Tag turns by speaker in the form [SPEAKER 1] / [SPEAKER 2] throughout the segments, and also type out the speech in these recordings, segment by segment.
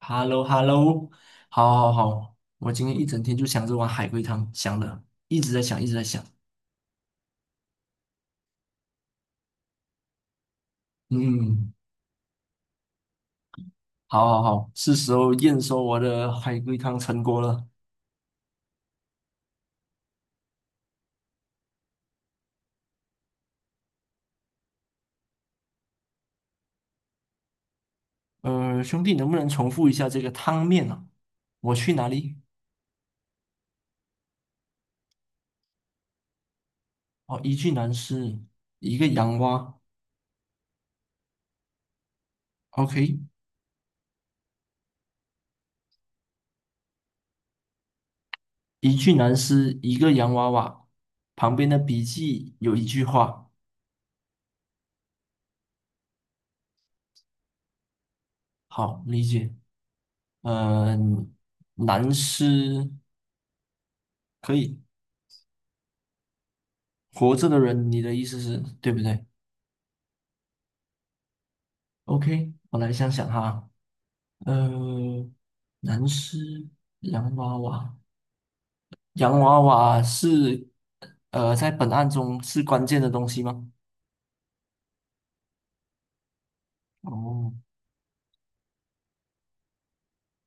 [SPEAKER 1] hello hello 好，好，好，我今天一整天就想着碗海龟汤，想了，一直在想，一直在想。嗯，好，好，好，是时候验收我的海龟汤成果了。兄弟，能不能重复一下这个汤面啊？我去哪里？哦，一具男尸，一个洋娃。OK,一具男尸，一个洋娃娃，旁边的笔记有一句话。好，理解。嗯、男尸可以。活着的人，你的意思是对不对？OK,我来想想哈，呃，男尸、洋娃娃，洋娃娃是在本案中是关键的东西吗？哦，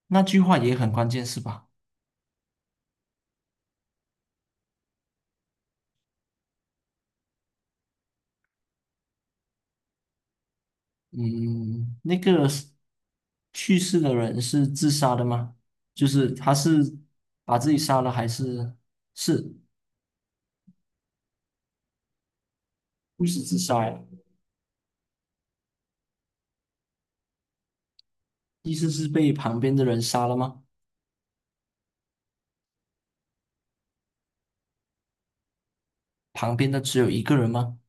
[SPEAKER 1] 那句话也很关键是吧？嗯，那个是去世的人是自杀的吗？就是他是把自己杀了还是是不是自杀呀？意思是被旁边的人杀了吗？旁边的只有一个人吗？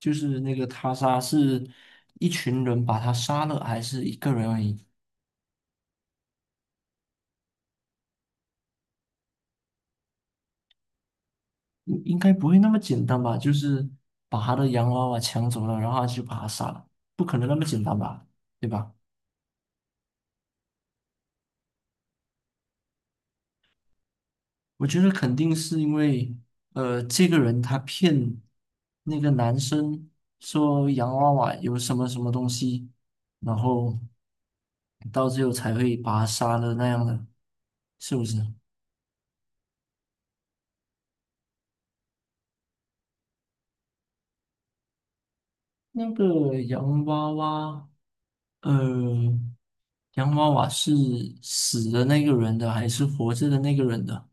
[SPEAKER 1] 就是那个他杀是一群人把他杀了，还是一个人而已？应该不会那么简单吧？就是把他的洋娃娃抢走了，然后他就把他杀了，不可能那么简单吧？对吧？我觉得肯定是因为，这个人他骗那个男生说洋娃娃有什么什么东西，然后到最后才会把他杀了那样的，是不是？那个洋娃娃。呃，洋娃娃是死的那个人的还是活着的那个人的？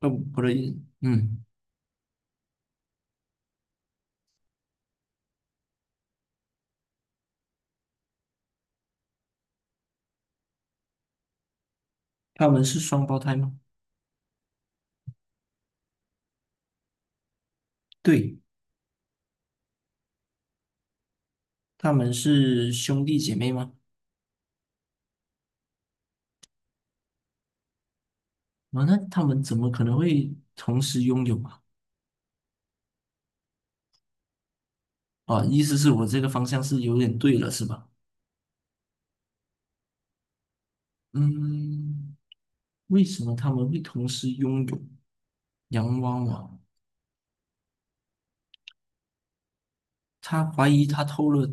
[SPEAKER 1] 呃，不对，嗯，他们是双胞胎吗？对，他们是兄弟姐妹吗？啊，那他们怎么可能会同时拥有啊？啊，意思是我这个方向是有点对了，是吧？嗯，为什么他们会同时拥有洋娃娃？他怀疑他偷了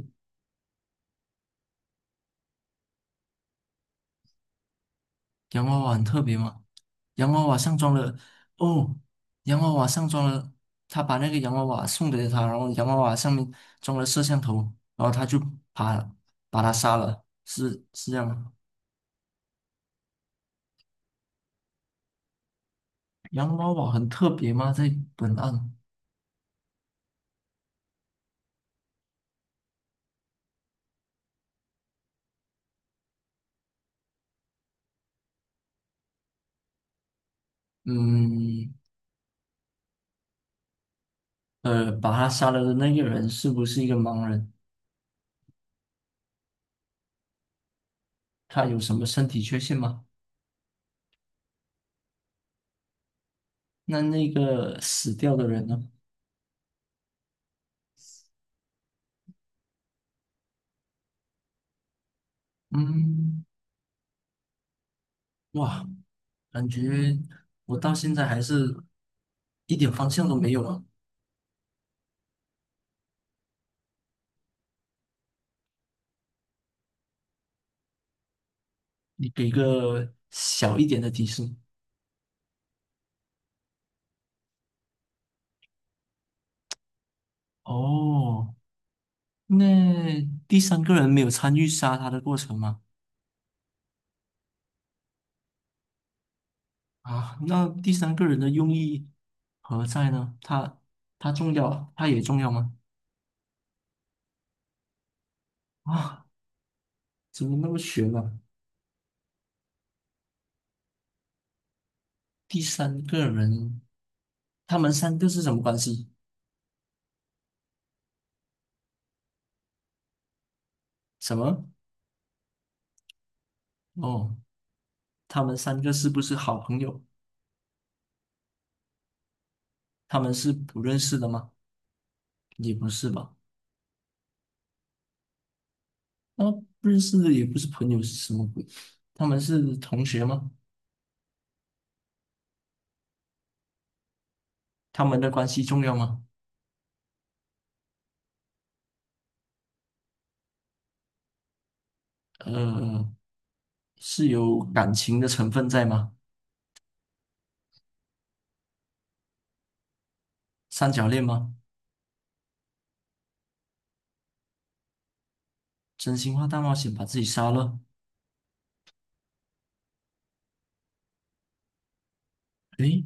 [SPEAKER 1] 洋娃娃很特别吗？洋娃娃上装了，哦，洋娃娃上装了，他把那个洋娃娃送给了他，然后洋娃娃上面装了摄像头，然后他就把把他杀了，是这样吗？洋娃娃很特别吗？在本案，嗯，把他杀了的那个人是不是一个盲人？他有什么身体缺陷吗？那那个死掉的人呢？嗯。哇，感觉我到现在还是一点方向都没有啊！你给个小一点的提示。哦，那第三个人没有参与杀他的过程吗？啊，那第三个人的用意何在呢？他重要，他也重要吗？啊，怎么那么悬呢、第三个人，他们三个是什么关系？什么？哦，他们三个是不是好朋友？他们是不认识的吗？也不是吧？那不认识的也不是朋友是什么鬼？他们是同学吗？他们的关系重要吗？呃，是有感情的成分在吗？三角恋吗？真心话大冒险把自己杀了？诶，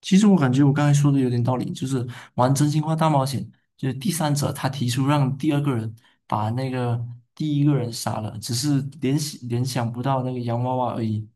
[SPEAKER 1] 其实我感觉我刚才说的有点道理，就是玩真心话大冒险，就是第三者他提出让第二个人把那个第一个人杀了，只是联想不到那个洋娃娃而已，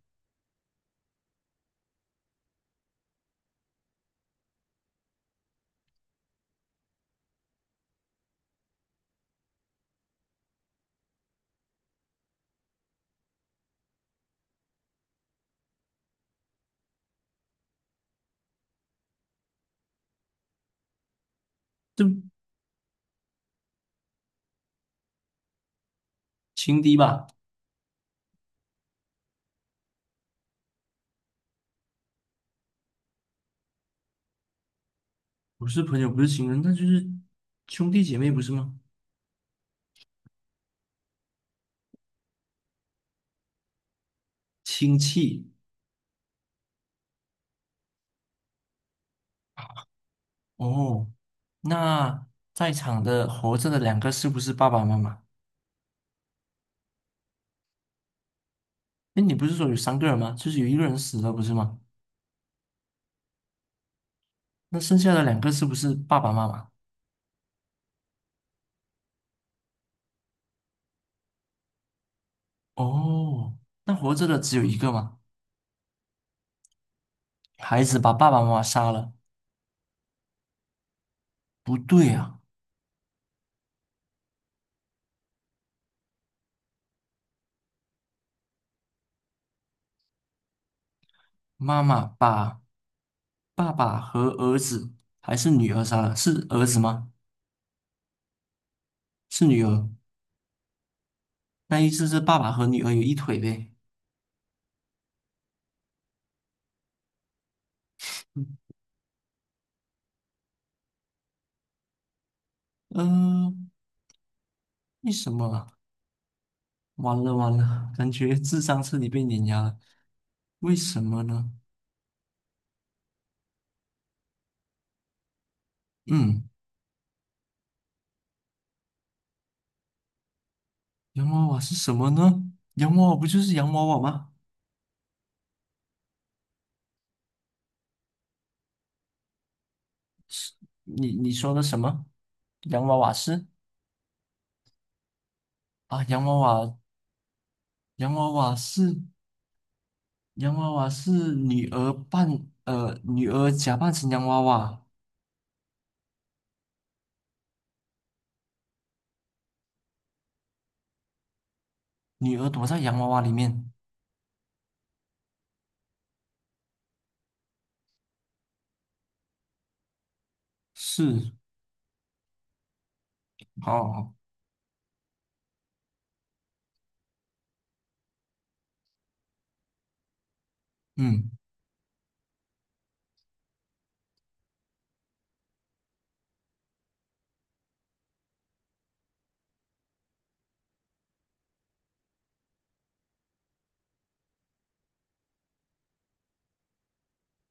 [SPEAKER 1] 就情敌吧。不是朋友，不是情人，那就是兄弟姐妹，不是吗？亲戚哦。那在场的活着的两个是不是爸爸妈妈？哎，你不是说有三个人吗？就是有一个人死了，不是吗？那剩下的两个是不是爸爸妈妈？哦，那活着的只有一个吗？孩子把爸爸妈妈杀了，不对啊，妈妈把爸爸和儿子还是女儿杀了，是儿子吗？是女儿，那意思是爸爸和女儿有一腿呗？嗯、为什么啊？完了完了，感觉智商彻底被碾压了。为什么呢？嗯，洋娃娃是什么呢？洋娃娃不就是洋娃娃吗？你说的什么？洋娃娃是啊，洋娃娃，洋娃娃是洋娃娃是女儿假扮成洋娃娃，女儿躲在洋娃娃里面。是，哦，好嗯，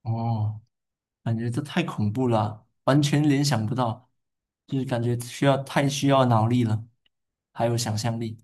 [SPEAKER 1] 哦。感觉这太恐怖了啊，完全联想不到，就是感觉需要太需要脑力了，还有想象力。